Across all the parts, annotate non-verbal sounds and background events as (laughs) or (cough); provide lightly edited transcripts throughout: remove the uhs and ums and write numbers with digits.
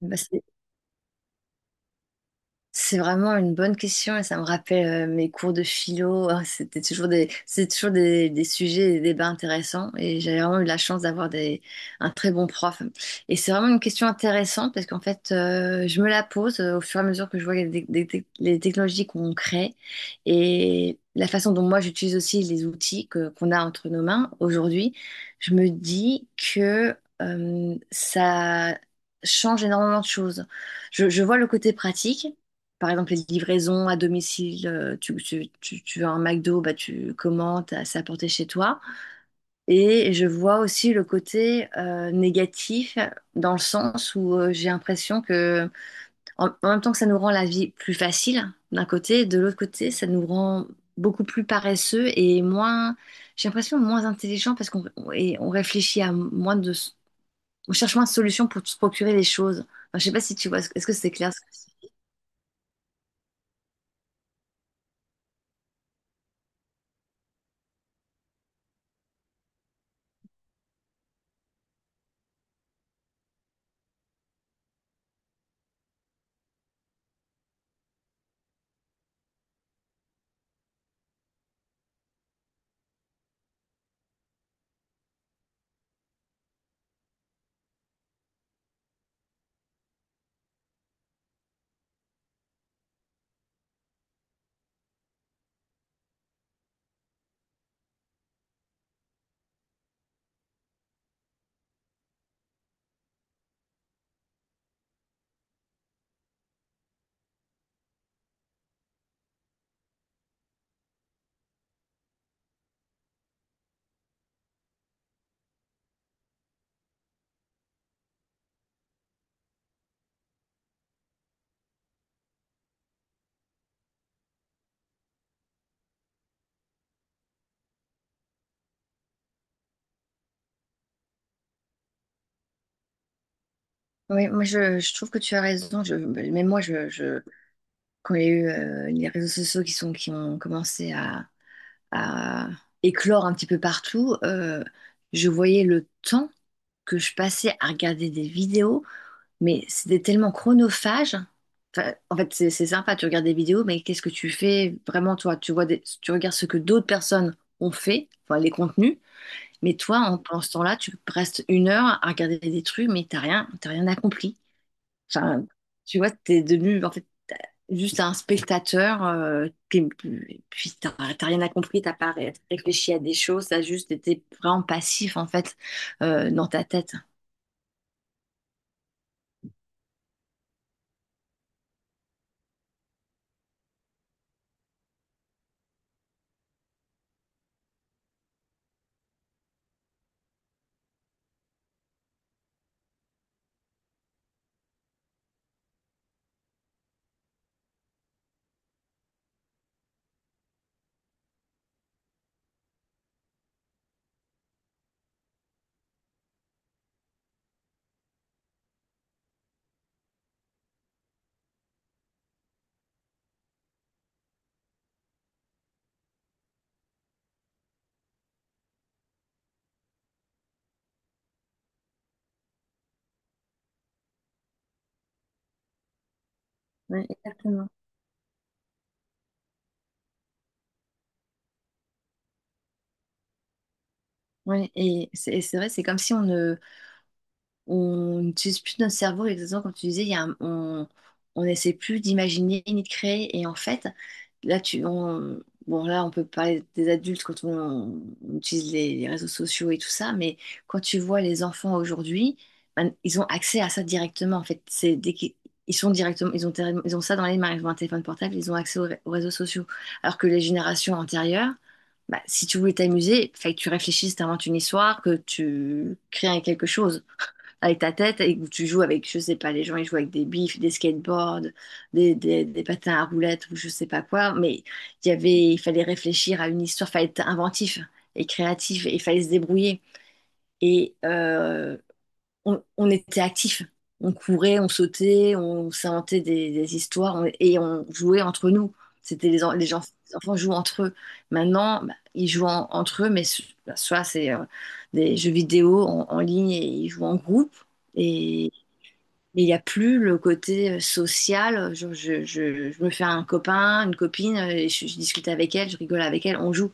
Bah, c'est c'est vraiment une bonne question et ça me rappelle mes cours de philo. Ah, c'était toujours des sujets et des débats intéressants et j'avais vraiment eu la chance d'avoir un très bon prof. Et c'est vraiment une question intéressante parce qu'en fait, je me la pose au fur et à mesure que je vois les technologies qu'on crée, et la façon dont moi j'utilise aussi les outils qu'on a entre nos mains aujourd'hui. Je me dis que ça change énormément de choses. Je vois le côté pratique, par exemple, les livraisons à domicile. Tu veux un McDo, bah, tu commandes, c'est apporté chez toi. Et je vois aussi le côté négatif, dans le sens où j'ai l'impression que, en même temps que ça nous rend la vie plus facile d'un côté, de l'autre côté, ça nous rend beaucoup plus paresseux et moins, j'ai l'impression, moins intelligent parce qu'on et on réfléchit à moins de, on cherche moins de solutions pour se procurer les choses. Enfin, je sais pas si tu vois, est-ce que c'est clair? Oui, moi je trouve que tu as raison. Je, même moi, je, quand il y a eu les réseaux sociaux qui sont, qui ont commencé à éclore un petit peu partout, je voyais le temps que je passais à regarder des vidéos, mais c'était tellement chronophage. Enfin, en fait, c'est sympa, tu regardes des vidéos, mais qu'est-ce que tu fais vraiment toi? Tu regardes ce que d'autres personnes ont fait, enfin les contenus, mais toi, en, pendant ce temps-là, tu restes une heure à regarder des trucs, mais t'as rien accompli. Enfin, tu vois, t'es devenu en fait t'as- juste un spectateur qui, puis t'as rien à compris, t'as pas réfléchi à des choses, t'as juste été vraiment passif en fait dans ta tête. Oui, exactement. Ouais, et c'est vrai, c'est comme si on ne on n'utilise plus notre cerveau exactement comme tu disais, il y a on n'essaie plus d'imaginer ni de créer. Et en fait là tu on, bon là on peut parler des adultes quand on utilise les réseaux sociaux et tout ça, mais quand tu vois les enfants aujourd'hui, ben, ils ont accès à ça directement. En fait, c'est dès qu'ils ils sont directement, ils ont ils ont ça dans les mains, ils ont un téléphone portable, ils ont accès aux réseaux sociaux, alors que les générations antérieures, bah, si tu voulais t'amuser, fallait que tu réfléchisses, t'inventes une histoire, que tu crées quelque chose avec ta tête et où tu joues avec, je sais pas, les gens ils jouent avec des bifs, des skateboards, des patins à roulettes ou je sais pas quoi, mais il y avait, il fallait réfléchir à une histoire, fallait être inventif et créatif et il fallait se débrouiller. Et on était actifs. On courait, on sautait, on s'inventait des histoires et on jouait entre nous. C'était les enfants jouent entre eux. Maintenant, bah, ils jouent entre eux, mais bah, soit c'est des jeux vidéo en ligne et ils jouent en groupe. Et et il n'y a plus le côté social. Genre, je me fais un copain, une copine, et je discute avec elle, je rigole avec elle, on joue.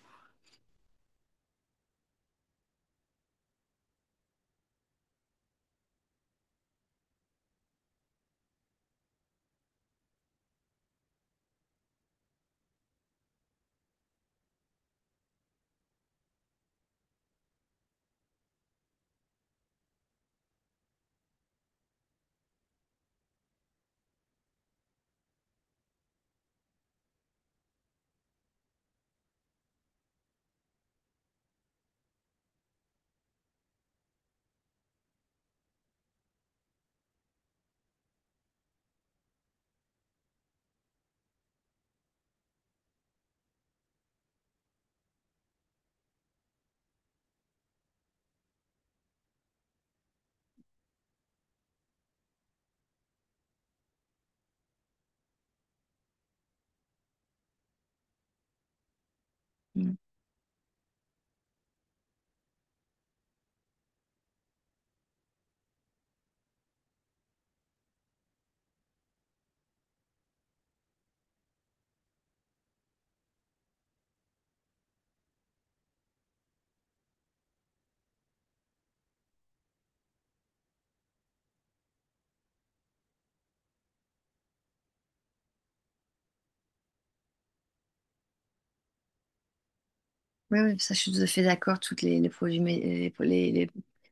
Oui, oui, ça, je suis tout à fait d'accord. Toutes les produits,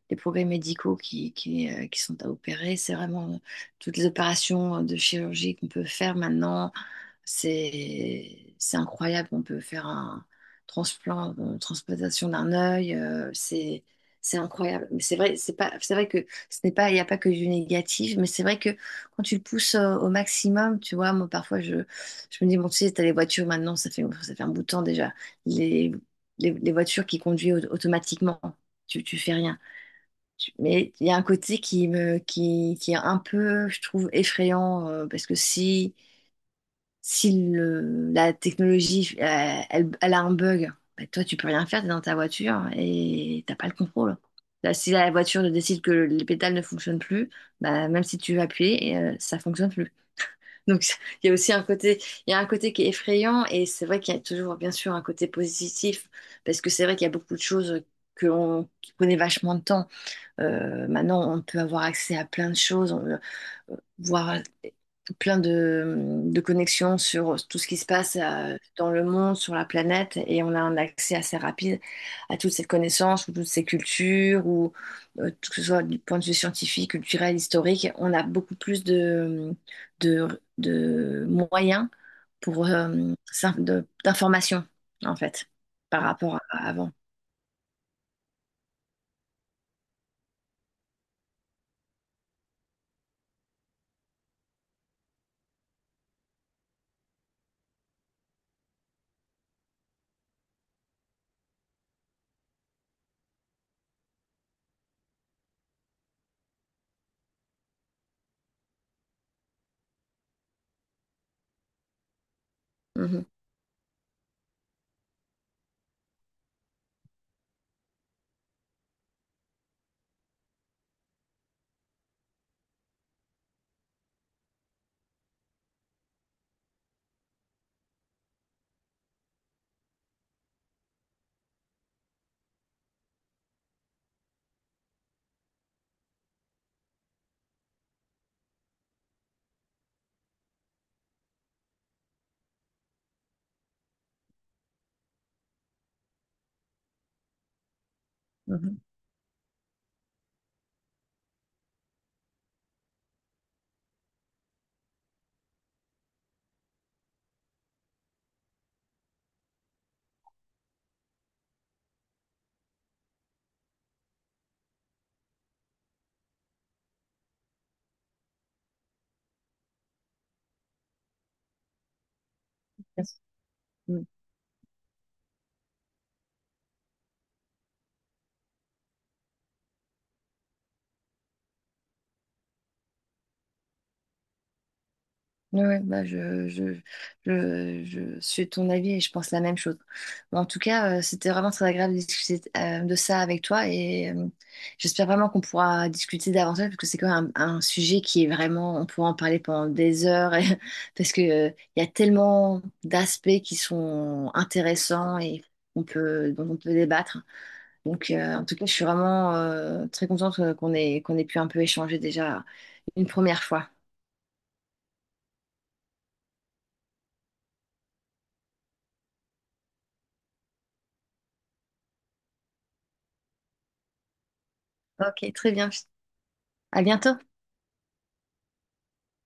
les progrès médicaux qui sont à opérer, c'est vraiment toutes les opérations de chirurgie qu'on peut faire maintenant. C'est incroyable. On peut faire un transplant, une transplantation d'un œil. C'est incroyable. Mais c'est vrai, c'est vrai que ce n'est pas, il n'y a pas que du négatif. Mais c'est vrai que quand tu le pousses au maximum, tu vois, moi, parfois, je me dis, bon, tu sais, t'as les voitures maintenant, ça fait un bout de temps déjà. Les les voitures qui conduisent automatiquement. Tu fais rien. Mais il y a un côté qui me, qui est un peu, je trouve, effrayant, parce que si, si la technologie, elle, elle a un bug, bah, toi, tu peux rien faire, t'es dans ta voiture et t'as pas le contrôle. Là, si la voiture décide que les pédales ne fonctionnent plus, bah, même si tu veux appuyer, ça fonctionne plus. Donc, (laughs) il y a aussi un côté, il y a un côté qui est effrayant et c'est vrai qu'il y a toujours, bien sûr, un côté positif parce que c'est vrai qu'il y a beaucoup de choses que l'on qui prenaient vachement de temps. Maintenant, on peut avoir accès à plein de choses, voir plein de connexions sur tout ce qui se passe dans le monde, sur la planète, et on a un accès assez rapide à toutes ces connaissances, ou toutes ces cultures, ou que ce soit du point de vue scientifique, culturel, historique, on a beaucoup plus de, de moyens pour d'informations, en fait, par rapport à avant. Mhm. Mhm. Yes. Ouais, ouais, bah je suis de ton avis et je pense la même chose. Mais en tout cas, c'était vraiment très agréable de discuter de ça avec toi et j'espère vraiment qu'on pourra discuter davantage parce que c'est quand même un sujet qui est vraiment, on pourra en parler pendant des heures (laughs) parce que il y a tellement d'aspects qui sont intéressants et on peut, dont on peut débattre. Donc, en tout cas, je suis vraiment très contente qu'on ait pu un peu échanger déjà une première fois. Ok, très bien. À bientôt.